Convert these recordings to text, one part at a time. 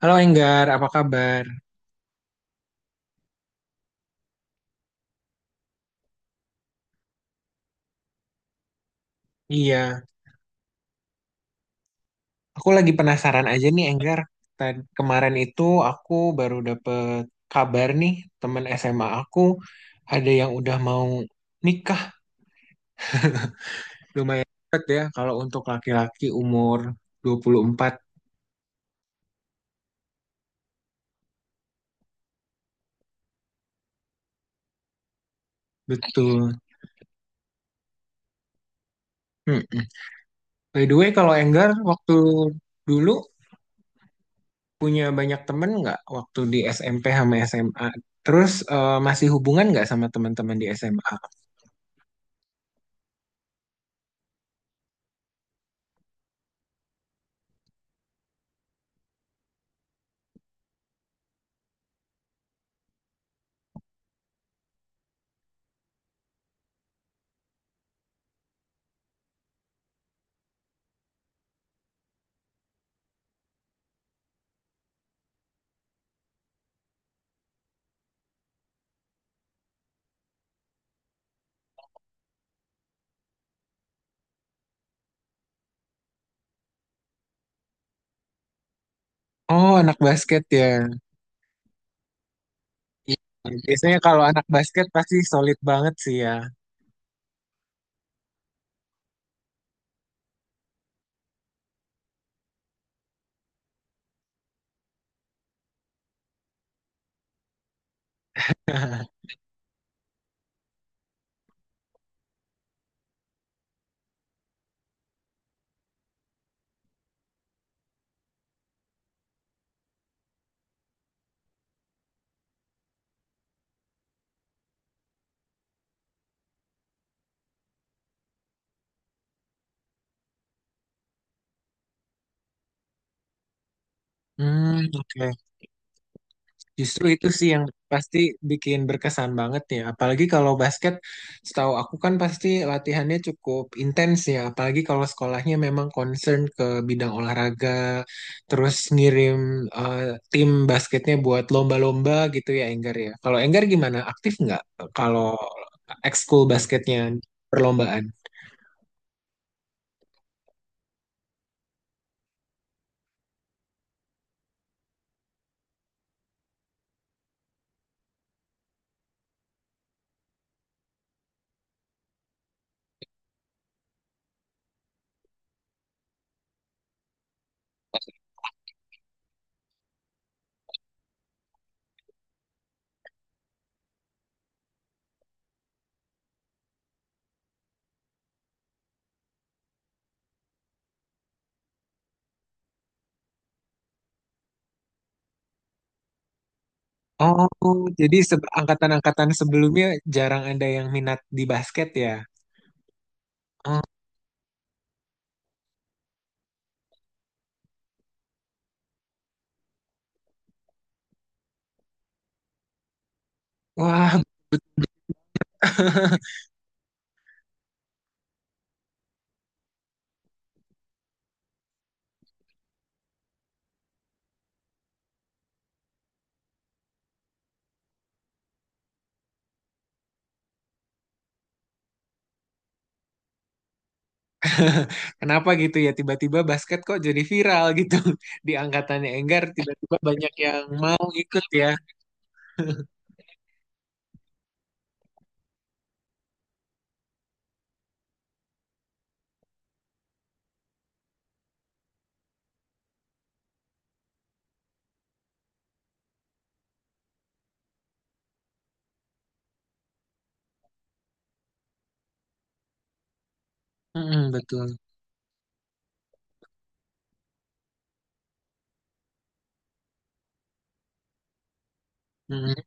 Halo Enggar, apa kabar? Iya, aku lagi penasaran aja nih Enggar. Kemarin itu aku baru dapet kabar nih, temen SMA aku ada yang udah mau nikah. Lumayan cepet ya kalau untuk laki-laki umur 24. Betul. Mm-mm. By the way, kalau Enggar waktu dulu punya banyak temen nggak waktu di SMP sama SMA? Terus masih hubungan nggak sama teman-teman di SMA? Oh, anak basket ya. Iya, biasanya kalau anak basket pasti solid banget sih ya. Hmm, oke. Justru itu sih yang pasti bikin berkesan banget ya. Apalagi kalau basket, setahu aku kan pasti latihannya cukup intens ya. Apalagi kalau sekolahnya memang concern ke bidang olahraga, terus ngirim eh, tim basketnya buat lomba-lomba gitu ya, Enggar ya. Kalau Enggar gimana? Aktif nggak kalau ekskul basketnya perlombaan? Oh, jadi angkatan-angkatan sebelumnya jarang ada yang minat di basket ya? Oh, wah, kenapa gitu ya? Tiba-tiba basket kok jadi viral gitu di angkatannya Enggar. Tiba-tiba banyak yang mau ikut ya. Mm-mm, betul. Mm-mm.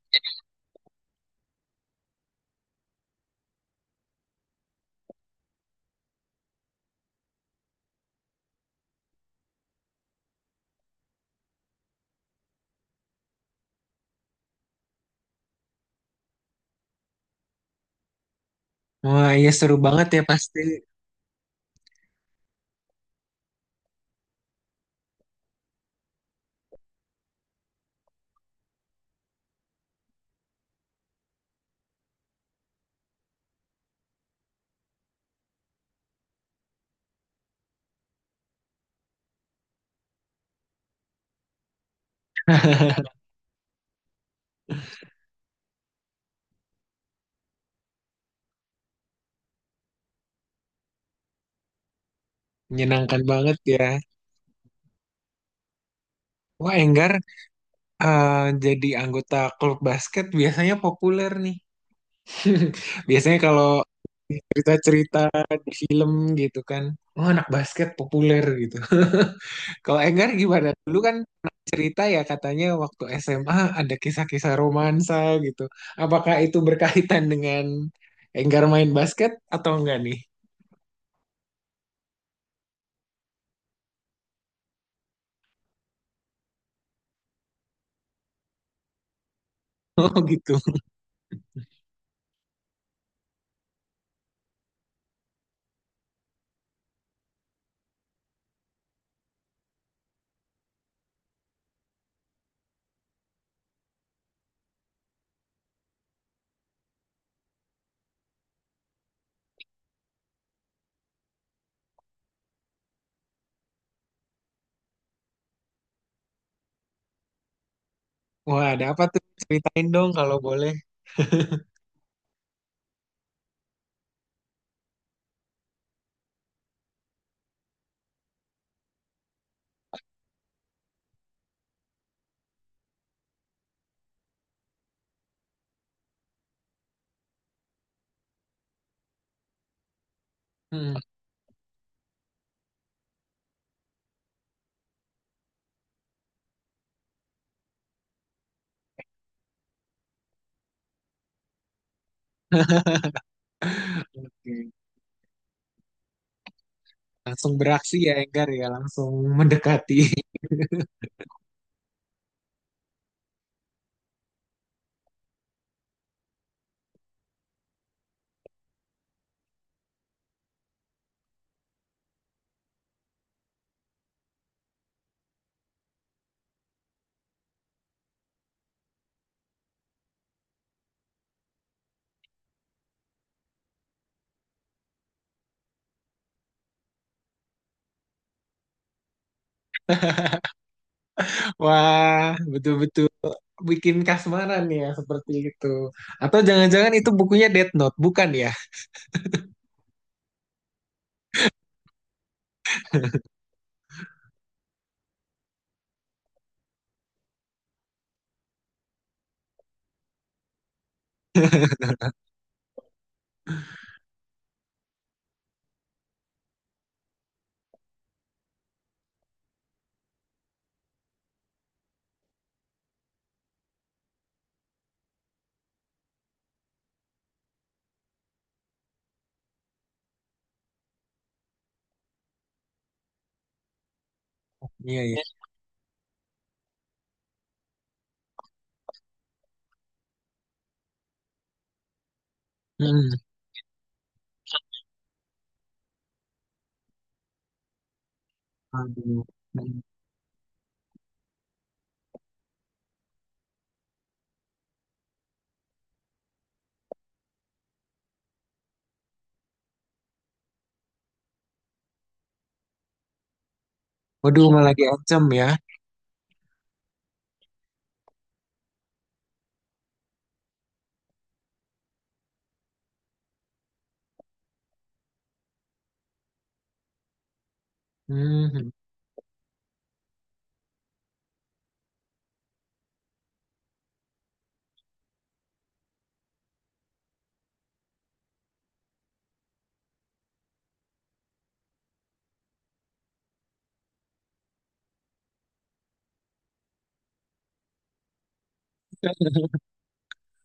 Wah, iya seru banget ya pasti. Menyenangkan banget ya. Wah, Enggar eh, jadi anggota klub basket biasanya populer nih. Biasanya kalau cerita-cerita di film gitu kan. Oh, anak basket populer gitu. Kalau Enggar gimana? Dulu kan pernah cerita ya katanya waktu SMA ada kisah-kisah romansa gitu. Apakah itu berkaitan dengan Enggar main basket atau enggak nih? Oh gitu. Wah, ada apa tuh? Ceritain dong kalau boleh. Hmm, oke. Langsung beraksi ya Enggar ya, langsung mendekati. Wah, betul-betul bikin kasmaran ya seperti itu. Atau jangan-jangan itu bukunya Death Note, bukan ya? Iya ya. Hmm. Aduh. Hmm. Waduh, malah diancam ya. Hmm.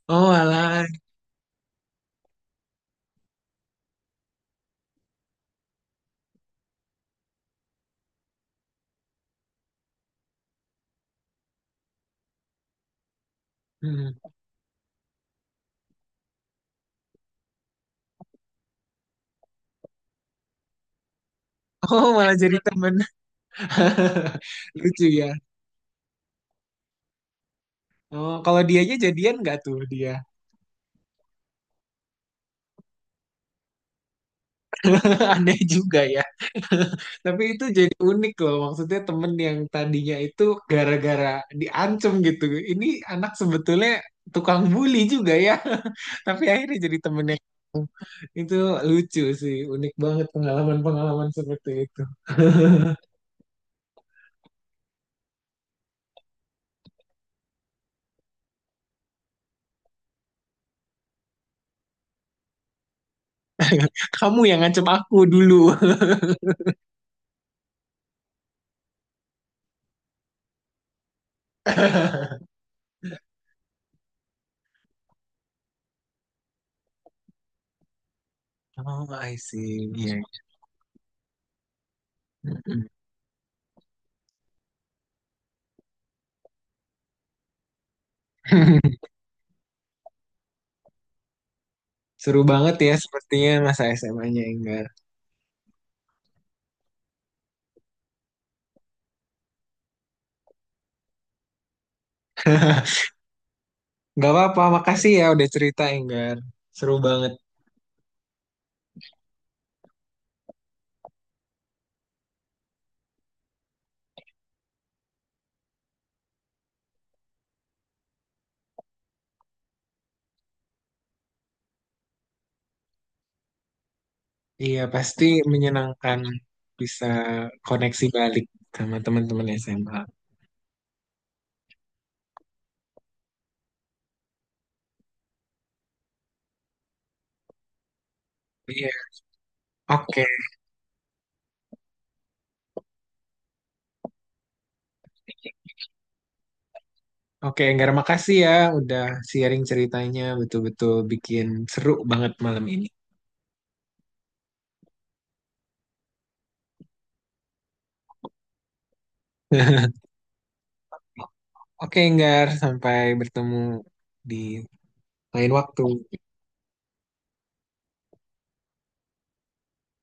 Oh, malah. Hmm. Oh, malah jadi temen. Lucu ya. Oh, kalau dianya jadian nggak tuh dia? Aneh juga ya. Tapi itu jadi unik loh, maksudnya temen yang tadinya itu gara-gara diancem gitu. Ini anak sebetulnya tukang bully juga ya, tapi akhirnya jadi temennya. Itu lucu sih, unik banget pengalaman-pengalaman seperti itu. Kamu yang ngancem aku dulu. Oh, I see. Iya. Mm-mm. Seru banget ya sepertinya masa SMA-nya Enggar. Gak apa-apa, makasih ya udah cerita Enggar. Seru banget. Iya, pasti menyenangkan bisa koneksi balik sama teman-teman SMA. Iya, oke. Oke, Enggak, makasih ya udah sharing ceritanya. Betul-betul bikin seru banget malam ini. Oke, Enggar, sampai bertemu di lain waktu.